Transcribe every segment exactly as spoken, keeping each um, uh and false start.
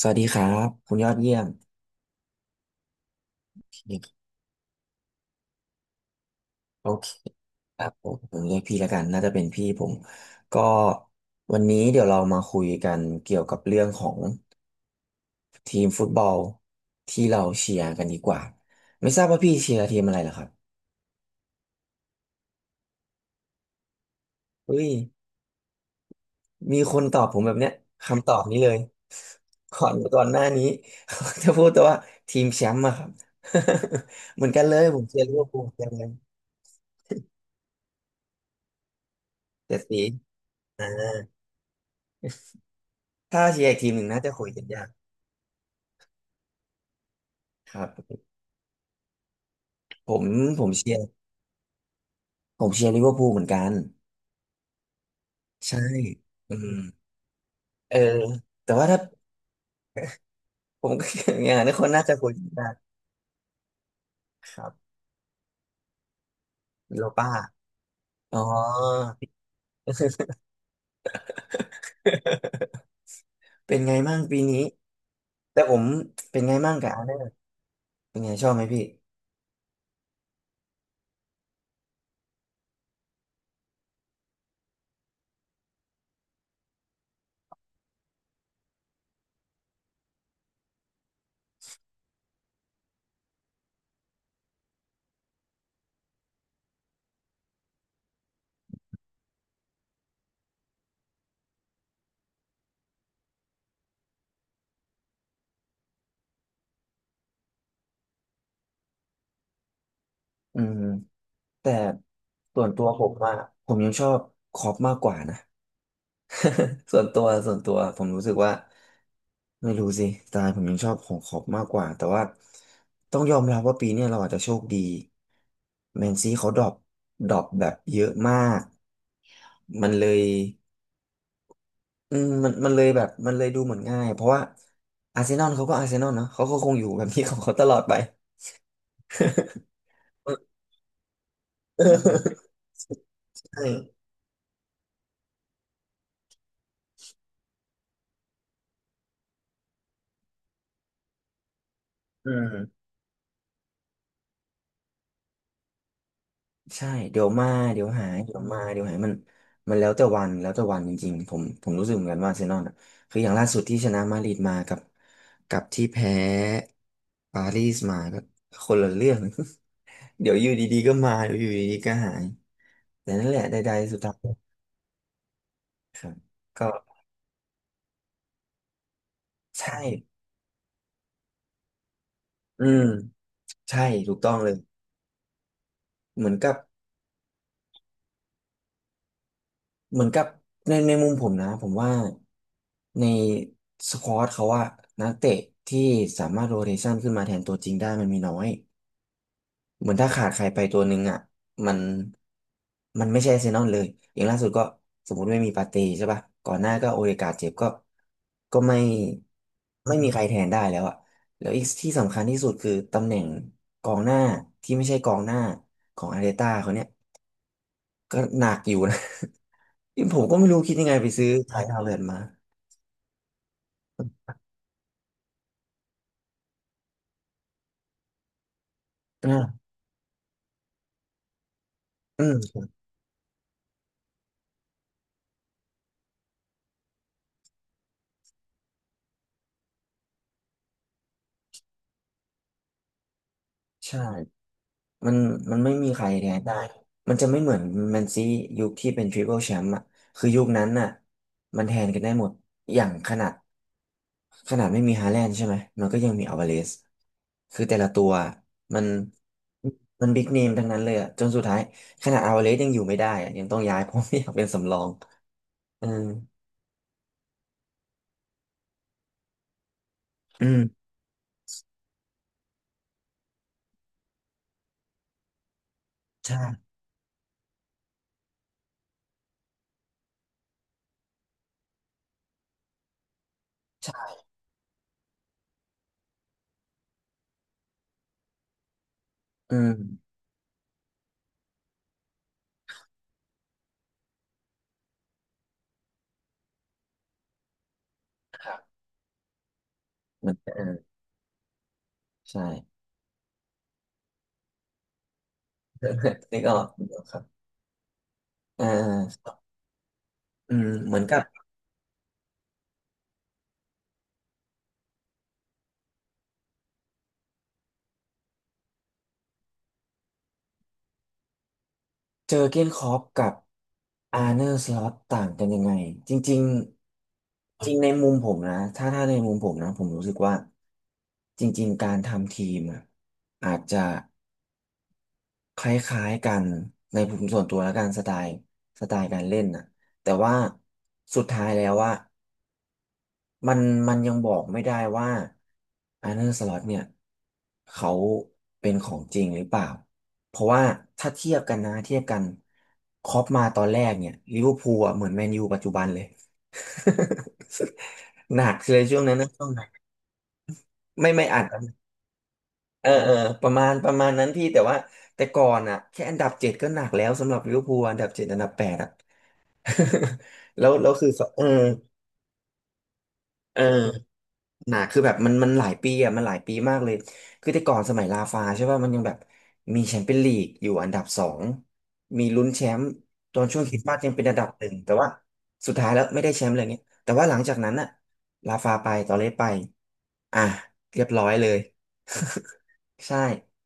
สวัสดีครับคุณยอดเยี่ยมโอเคครับผมผมเรียกพี่แล้วกันน่าจะเป็นพี่ผมก็วันนี้เดี๋ยวเรามาคุยกันเกี่ยวกับเรื่องของทีมฟุตบอลที่เราเชียร์กันดีกว่าไม่ทราบว่าพี่เชียร์ทีมอะไรเหรอครับเฮ้ยมีคนตอบผมแบบเนี้ยคำตอบนี้เลยก่อนก่อนหน้านี้ จะพูดแต่ว่าทีมแชมป์อะครับ เหมือนกันเลยผมเชียร์ลิเวอร์พูลเหมือนกันเลยเจ็ดสีถ้าเชียร์อีกทีมหนึ่งน่าจะคุยกันยากครับ ผมผมเชียร์ผมเชียร์ลิเวอร์พูลเหมือนกันใช่อืมเออแต่ว่าถ้าผมก็ อย่างนั้นคนน่าจะคุยกันได้ครับโลป้าอ๋อ เป็นไงมั่งปีนี้แต่ผมเป็นไงมั่งกับอาร์เซนอลเป็นไงชอบไหมพี่อืมแต่ส่วนตัวผมว่าผมยังชอบคล็อปมากกว่านะ ส่วนตัวส่วนตัวผมรู้สึกว่าไม่รู้สิสไตล์ผมยังชอบของขอบมากกว่าแต่ว่าต้องยอมรับว่าปีเนี้ยเราอาจจะโชคดีแมนซีเขาดรอปดรอปแบบเยอะมากมันเลยอืมมันมันเลยแบบมันเลยดูเหมือนง่ายเพราะว่าอาร์เซนอลเขาก็อาร์เซนอลเนาะเขาก็คงอยู่แบบนี้ของเขาตลอดไป ใช่อืม ใช่เดี๋ยวมาเดี๋ยวหายเดี๋ยวมาเดี๋ยวหายมันมันแล้วแต่วันแล้วแต่วันจริงๆผมผมรู้สึกเหมือนกันว่าอาร์เซนอลอ่ะคืออย่างล่าสุดที่ชนะมาดริดมากับกับที่แพ้ปารีสมาก็คนละเรื่อง เดี๋ยวอยู่ดีๆก็มาเดี๋ยวอยู่ดีๆก็หายแต่นั่นแหละใดๆสุดท้ายครับก็ใช่อืมใช่ถูกต้องเลยเหมือนกับ เหมือนกับในในมุมผมนะผมว่าในสควอตเขาว่านักเตะที่สามารถโรเ t ชันขึ้นมาแทนตัวจริงได้มันมีน้อยเหมือนถ้าขาดใครไปตัวหนึ่งอ่ะมันมันไม่ใช่อาร์เซนอลเลยอย่างล่าสุดก็สมมติไม่มีปาเต้ใช่ป่ะก่อนหน้าก็โอเดการ์ดเจ็บก็ก็ไม่ไม่มีใครแทนได้แล้วอ่ะแล้วอีกที่สำคัญที่สุดคือตำแหน่งกองหน้าที่ไม่ใช่กองหน้าของอาร์เตต้าเขาเนี่ยก็หนักอยู่นะ นี่ผมก็ไม่รู้คิดยังไงไปซื้อขายดาวเรือนมาอ่าอืมใช่มันมันไม่มีใครแทนได้ มันจะไม่เหมือนแมนซียุคที่เป็นทริปเปิลแชมป์อ่ะคือยุคนั้นน่ะมันแทนกันได้หมด อย่างขนาดขนาดไม่มีฮาแลนด์ใช่ไหม มันก็ยังมีอัลวาเรซคือแต่ละตัวมันมันบิ๊กเนมทั้งนั้นเลยอ่ะจนสุดท้ายขนาดอัลวาเรซยังอยู่ไม่ได้อะยังต้องย้าย เพราะไม่อยากเป็นสำรองอืมอืมใช่ใช่อืมมันเออใช่ นึกออกนึกออกครับอ่าอืมเหมือนกับเจอเก้นคลอปกับอาร์เนอร์สล็อตต่างกันยังไงจริงๆจริงในมุมผมนะถ้าถ้าในมุมผมนะผมรู้สึกว่าจริงๆการทำทีมอะอาจจะคล้ายๆกันในผมส่วนตัวแล้วกันสไตล์สไตล์การเล่นนะแต่ว่าสุดท้ายแล้วว่า มันมันยังบอกไม่ได้ว่าอันเนอร์สล็อตเนี่ยเขาเป็นของจริงหรือเปล่าเพราะว่าถ้าเทียบกันนะเทียบกันคล็อปมาตอนแรกเนี่ยลิเวอร์พูลอะเหมือนแมนยูปัจจุบันเลย หนักเลยช่วงนั้นนะช่วงนั้นไม่ไม่อาจจะเออเออประมาณประมาณนั้นพี่แต่ว่าแต่ก่อนอ่ะแค่อันดับเจ็ดก็หนักแล้วสำหรับลิเวอร์พูลอันดับเจ็ดอันดับแปดอ่ะ แล้วแล้วคือเขาเออเออ หนาคือแบบมันมันหลายปีอ่ะมันหลายปีมากเลยคือแต่ก่อนสมัยลาฟาใช่ป่ะมันยังแบบมีแชมเปี้ยนลีกอยู่อันดับสองมีลุ้นแชมป์ตอนช่วงคริสต์มาสยังเป็นอันดับหนึ่งแต่ว่าสุดท้ายแล้วไม่ได้แชมป์อะไรเงี้ยแต่ว่าหลังจากนั้นน่ะลาฟาไปตอเรสไปอ่ะเรียบร้อยเลย ใช่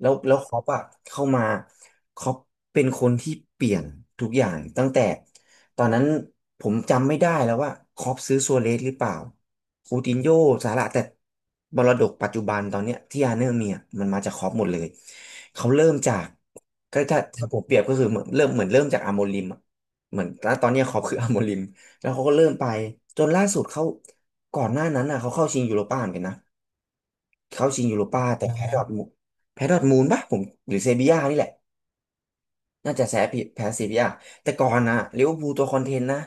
แล้วแล้วคอปอะเข้ามาคอปเป็นคนที่เปลี่ยนทุกอย่างตั้งแต่ตอนนั้นผมจำไม่ได้แล้วว่าคอปซื้อซัวเรสหรือเปล่าคูตินโญ่ซาร่าแต่มรดกปัจจุบันตอนเนี้ยที่อาร์เนอร์มีอะมันมาจากคอปหมดเลยเขาเริ่มจากก็ถ้าถ้าผมเปรียบก็คือเหมือนเริ่มเหมือนเริ่มจากอาร์โมลิมอะเหมือนแล้วตอนเนี้ยคอปคืออาร์โมลิมแล้วเขาก็เริ่มไปจนล่าสุดเขาก่อนหน้านั้นน่ะเขาเข้าชิงยูโรป้าเหมือนกันนะ เข้าชิงยูโรป้าแต่แพ้ดอร์ทมนด์แพ้ดอร์ทมูลปะผมหรือเซบีย่านี่แหละน่าจะแพ้ผิดแพ้เซบีย่าแต่ก่อนนะลิเวอร์พูลตัวคอนเทนต์นะ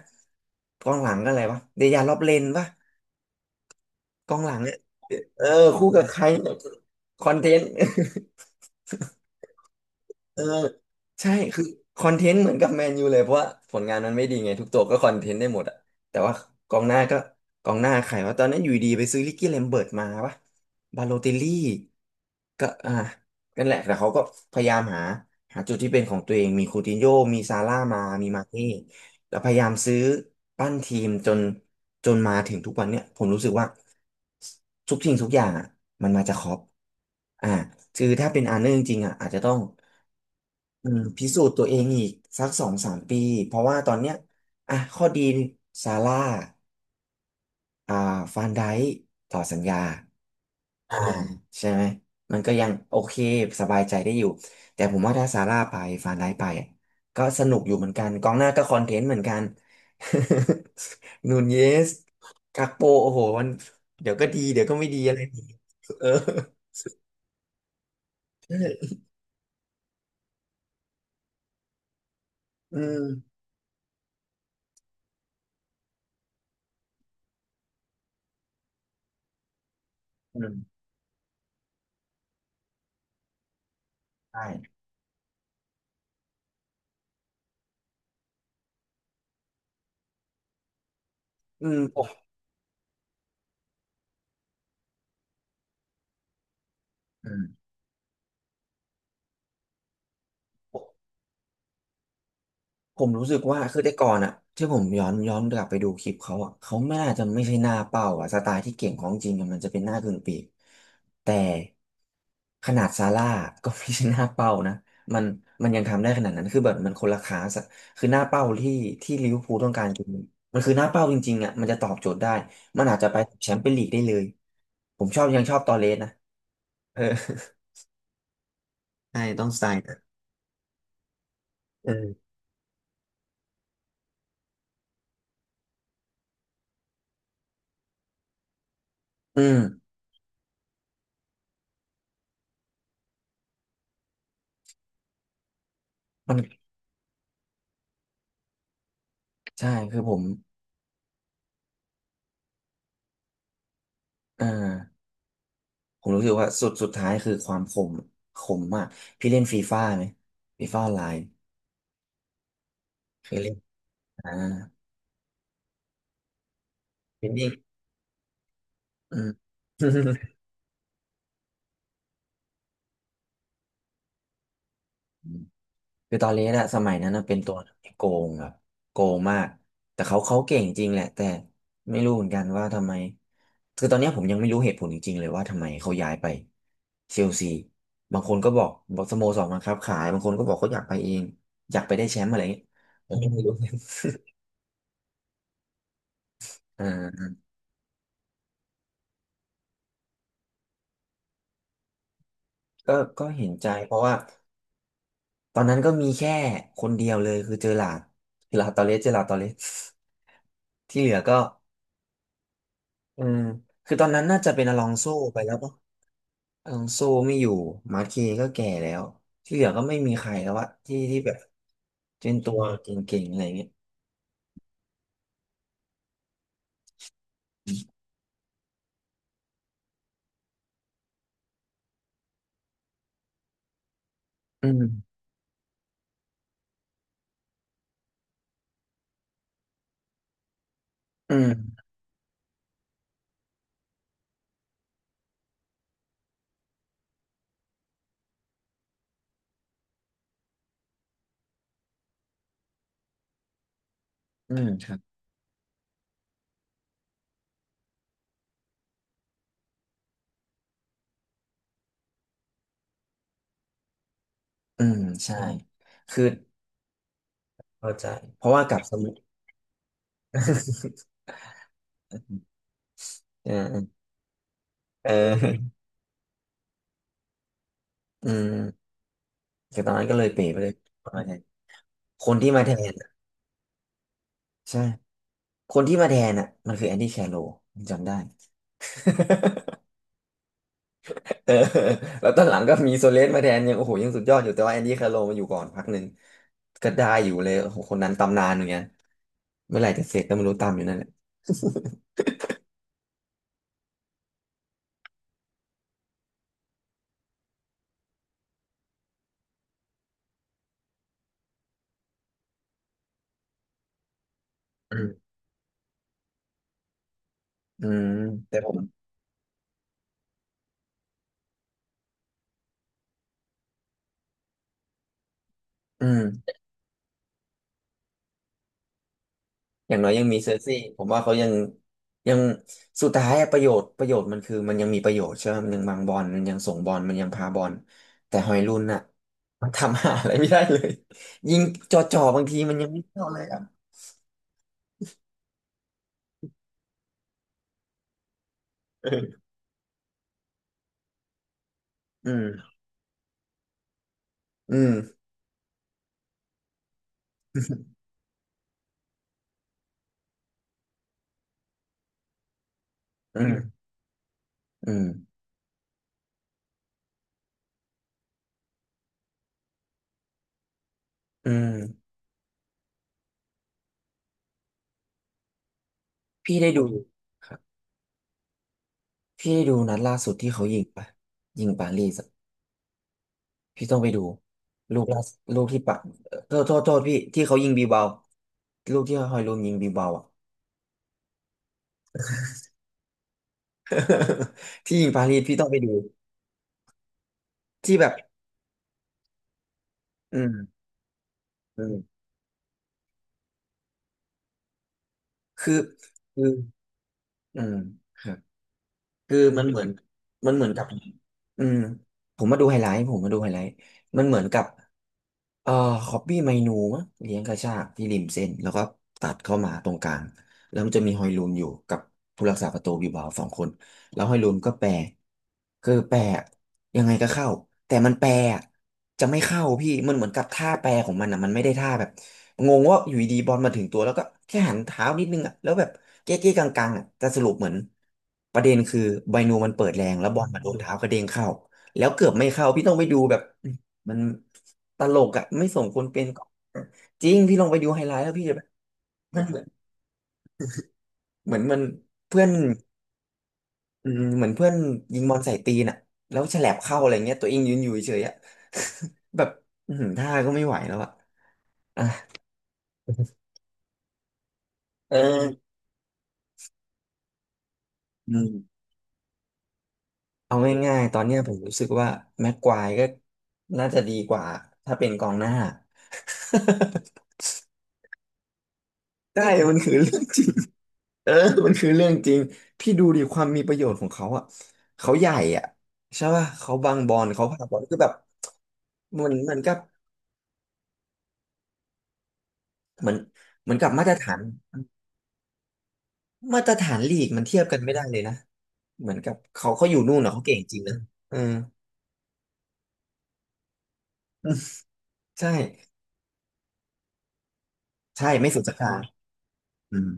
กองหลังก็อะไรวะเดียร์ล็อบเลนปะกองหลังเนี่ยเออคู่กับใครเนี่ยคอนเทนต์ เออใช่คือคอนเทนต์เหมือนกับแมนยูเลยเพราะว่าผลงานมันไม่ดีไงทุกตัวก็คอนเทนต์ได้หมดอะแต่ว่ากองหน้าก็กองหน้าใครว่าตอนนั้นอยู่ดีไปซื้อลิกกี้เลมเบิร์ตมาปะบาโลติลลี่ก็อ่ะนั่นแหละแต่เขาก็พยายามหาหาจุดที่เป็นของตัวเองมีคูตินโญ่มีซาร่ามามีมาเน่แล้วพยายามซื้อปั้นทีมจนจนมาถึงทุกวันเนี่ยผมรู้สึกว่าทุกสิ่งทุกอย่างอ่ะมันมาจากคล็อปอ่าคือถ้าเป็นอาร์เนอร์จริงๆอ่ะอาจจะต้อง อืมพิสูจน์ตัวเองอีกสักสองสามปีเพราะว่าตอนเนี้ยอ่ะข้อดีซาร่าอ่าฟานไดค์ต่อสัญญาอ่าใช่ไหมมันก็ยังโอเคสบายใจได้อยู่แต่ผมว่าถ้าซาร่าไปฟานไดค์ไปอ่ะก็สนุกอยู่เหมือนกันกองหน้าก็คอนเทนต์เหมือนกัน นูนเยสกักโปโอ้โหมันเดี๋ยวก็ดีเดี๋ยวก็ไม่ดีอะไรอย่างงี้เอออืมอืมใช่อืมผมอืม ผมรู้สึกว่าคือแต่ก่อนอะที่ผมย้อนย้อนกลับไปดูคลิปเขาอะเขาไม่น่าจะไม่ใช่หน้าเป้าอะสไตล์ที่เก่งของจริงอะมันจะเป็นหน้ากึ่งปีกแต่ขนาดซาร่าก็ไม่ใช่หน้าเป้านะมันมันยังทำได้ขนาดนั้นคือแบบมันคนละคลาสอะคือหน้าเป้าที่ที่ลิเวอร์พูลต้องการคือมันคือหน้าเป้าจริงๆอะมันจะตอบโจทย์ได้มันอาจจะไปแชมเปี้ยนลีกได้เลยผมชอบยังชอบตอเรสนะเออใช่ต้องสไตล์นั้นเอออืมมันใช่คือผมอ่า ผมรู้สึกว่าสุดสุดท้ายคือความคมคมมากพี่เล่นฟีฟ่าไหมฟีฟ่าออนไลน์เคยเล่นอ่าเป็นเด็กอืม อืมคือตอนเล่นอะสมัยนั้นนะเป็นตัวที่โกงครบโกงมากแต่เขาเขาเก่งจริงแหละแต่ไม่รู้เหมือนกันว่าทำไมคือตอนเนี้ยผมยังไม่รู้เหตุผลจริงๆเลยว่าทำไมเขาย้ายไปเชลซีบางคนก็บอกบอกสโมสรบังคับขายบางคนก็บอกเขาอยากไปเองอยากไปได้แชมป์อะไรอย่างเงี้ย ผมยังไม่รู้ อ่าก็ก็เห็นใจเพราะว่า ตอนนั้นก็มีแค่คนเดียวเลยคือเจอหลาดเจอหลาดตอเลสเจอหลาดตอเลส ที่เหลือก็อืมคือตอนนั้นน่าจะเป็นอลองโซไปแล้วปะอลองโซไม่อยู่มาร์เคก็แก่แล้วที่เหลือก็ไม่มีใครแล้วอะที่ที่แบบเป็นตัวเก่งๆอะไรอย่างเงี้ยอืมอืมอืมครับอืมใช่คือเข้าใจเพราะว่ากลับสมุทร เออเอออืมคือตอนนั้นก็เลยเป๋ไปเลยประมาณนั้นคนที่มาแทนอะใช่ คนที่มาแทนอ่ะมันคือแอนดี้แคโรลผมจำได้ เออแล้วตอนหลังก็มีโซเลสมาแทนยังโอ้โหยังสุดยอดอยู่แต่ว่าแอนดี้แคโรลมาอยู่ก่อนพักหนึ่งก็ได้อยู่เลยโอ้โหคนนั้นตำนานเหมือนกันเมื่อไหร่จะเสร็จก็ไม่รู้ตามอยู่นั่นแหละอืมอืมแต่ผมอืมอย่างน้อยยังมีเซอร์ซี่ผมว่าเขายังยังสุดท้ายอะประโยชน์ประโยชน์มันคือมันยังมีประโยชน์ใช่ไหมมันยังบังบอลมันยังส่งบอลมันยังพาบอลแต่ฮอยลุนน่ะมันทำหาอะไรไม่ได้เลยยิงจ่อๆบางทีมันยังไม่เข้าเลยอะ อืมอืมอืมอืมอืมพี่ได้ดูครับพี่ได้ดูนัดล่าสุดที่เขายิงปะยิงปารีสอะพี่ต้องไปดูลูกล่าสุดลูกที่ปะเอ่อโทษโทษโทษพี่ที่เขายิงบีเบาลูกที่ฮอยลุนยิงบีเบาอ่ะ ที่ยิงปารีสพี่ต้องไปดู ที่แบบอืมอืมคือคืออืมครับ คือมันเหมือนมันเหมือนกับอืมผมมาดูไฮไลท์ผมมาดูไฮไลท์มันเหมือนกับเอ่อคอปปี้ไมนูมั้งเลี้ยงกระชากที่ริมเส้นแล้วก็ตัดเข้ามาตรงกลางแล้วมันจะมีฮอยลูนอยู่กับผู้รักษาประตูบิลบาโอสองคน แล้วห้อยลูนก็แปลคือแปรยังไงก็เข้าแต่มันแปลอะจะไม่เข้าพี่มันเหมือนกับท่าแปลของมันอ่ะมันไม่ได้ท่าแบบงงว่าอยู่ดีๆบอลมาถึงตัวแล้วก็แค่หันเท้านิดนึงอ่ะแล้วแบบเก๊ะๆกังๆอ่ะแต่สรุปเหมือนประเด็นคือไบนูมันเปิดแรงแล้วบอลมาโดนเท้ากระเด้งเข้าแล้วเกือบไม่เข้าพี่ต้องไปดูแบบมันตลกอ่ะไม่สมควรเป็นจริงพี่ลองไปดูไฮไลท์แล้วพี่จะแบบมันเหมือนเหมือนมันเพื่อน อืมเหมือนเพื่อนยิงบอลใส่ตีนอ่ะแล้วแฉลบเข้าอะไรเงี้ยตัวเองยืนอยู่เฉยๆอ่ะ แบบอื้อหือท่าก็ไม่ไหวแล้วอ่ะอ่ะ เอออืมเอาง่ายๆตอนเนี้ยผมรู้สึกว่าแม็กควายก็น่าจะดีกว่าถ้าเป็นกองหน้า ได้มันคือเรื่องจริงเออมันคือเรื่องจริงพี่ดูดิความมีประโยชน์ของเขาอ่ะเขาใหญ่อ่ะใช่ป่ะเขาบังบอลเขาพาบอลคือแบบมันมันก็เหมือนเหมือนกับมาตรฐาน มาตรฐานลีกมันเทียบกันไม่ได้เลยนะเหมือนกับเขาเขาอยู่นู่นเนาะเขาเก่งจริงนะเออ ใช่ใช่ไม่สุดสักทางอืม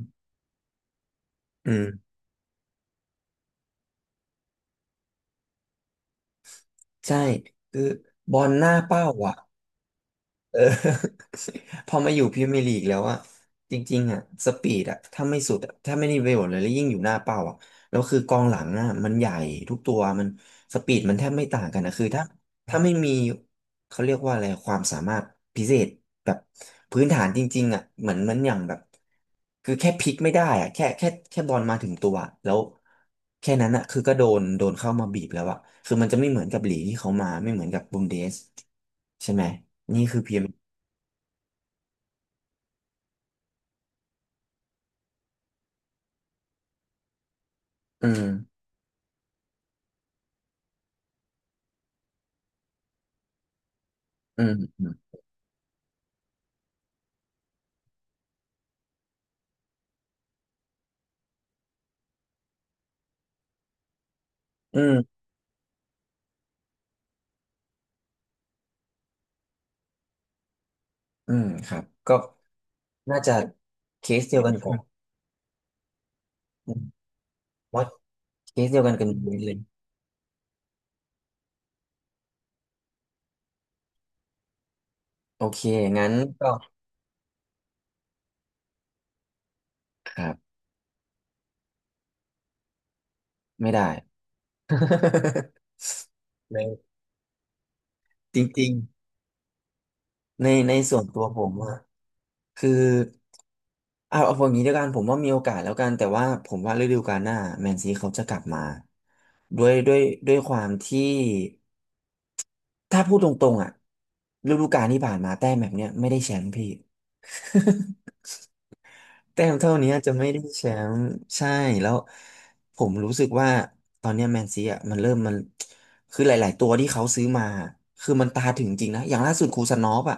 อืมใช่คือบอลหน้าเป้าอ่ะเออ พอมาอยู่พรีเมียร์ลีกแล้วอ่ะจริงๆอ่ะสปีดอ่ะถ้าไม่สุดอะถ้าไม่ได้ประโยชน์เลยแล้วยิ่งอยู่หน้าเป้าอ่ะแล้วคือกองหลังอ่ะมันใหญ่ทุกตัวมันสปีดมันแทบไม่ต่างกันนะคือถ้า ถ้าไม่มีเขาเรียกว่าอะไรความสามารถพิเศษแบบพื้นฐานจริงๆอ่ะเหมือนมันอย่างแบบคือแค่พลิกไม่ได้อ่ะแค่แค่แค่บอลมาถึงตัวอะแล้วแค่นั้นอ่ะคือก็โดนโดนเข้ามาบีบแล้วอ่ะคือมันจะไม่เหมือนกับลีกที่เขามาไม่เหมือนกับบุนเดสใช่ไหมนี่คือเพียงอืมอืมอืมอืมอืมครับก็น่าจะเคสเดียวกันกับอืมว่าเคสเดียวกันกันเลยโอเคงั้นก็ครับไม่ได้ ในจริงๆในในส่วนตัวผมอะคือเอาเอาอย่างนี้ด้วยกันผมว่ามีโอกาสแล้วกันแต่ว่าผมว่าฤดูกาลหน้าแมนซีเขาจะกลับมาด้วยด้วยด้วยความที่ถ้าพูดตรงๆอ่ะฤดูกาลที่ผ่านมาแต้มแบบเนี้ยไม่ได้แชมป์พี่ แต้มเท่านี้จะไม่ได้แชมป์ใช่แล้วผมรู้สึกว่าตอนเนี้แมนซีอ่ะมันเริ่มมันคือหลายๆตัวที่เขาซื้อมาคือมันตาถึงจริงนะอย่างล่าสุดคูซานอฟอ่ะ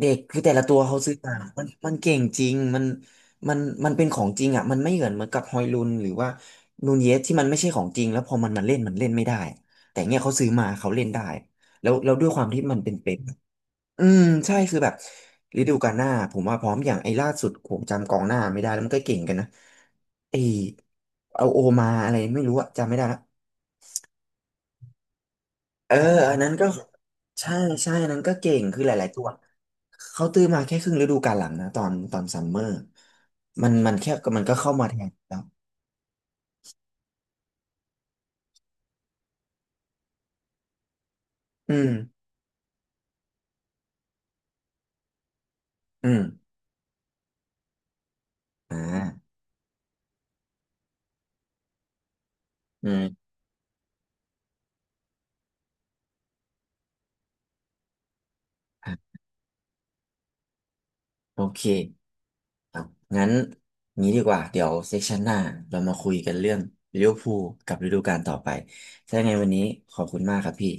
เด็กคือแต่ละตัวเขาซื้อมามันมันเก่งจริงมันมันมันเป็นของจริงอ่ะมันไม่เหมือนเหมือนกับฮอยลุนหรือว่านูนเยสที่มันไม่ใช่ของจริงแล้วพอมันมาเล่นมันเล่นไม่ได้แต่เนี่ยเขาซื้อมาเขาเล่นได้แล้วแล้วด้วยความที่มันเป็นเป๊ป อืมใช่คือแบบฤดูกาลหน้าผมว่าพร้อมอย่างไอ้ล่าสุดผมจำกองหน้าไม่ได้แล้วมันก็เก่งกันนะไอ้เอาโอมาอะไรไม่รู้อะจำไม่ได้ละเออออันนั้นก็ใช่ใช่อันนั้นก็เก่งคือหลายๆตัวเขาตื้อมาแค่ครึ่งฤดูกาลหลังนะตอนตอนซัมเมอร์มันมันแค่มันก็เข้ามาแทนแล้วอืมอืมอ่าอืมอ่ะโอเค ครับงั้นงี้ดีกว่าเดี๋ยวเซสชันหน้าเรามาคุยกันเรื่องลิเวอร์พูลกับฤดูกาลต่อไปถ้ายังไงวันนี้ขอบคุณมากครับพี่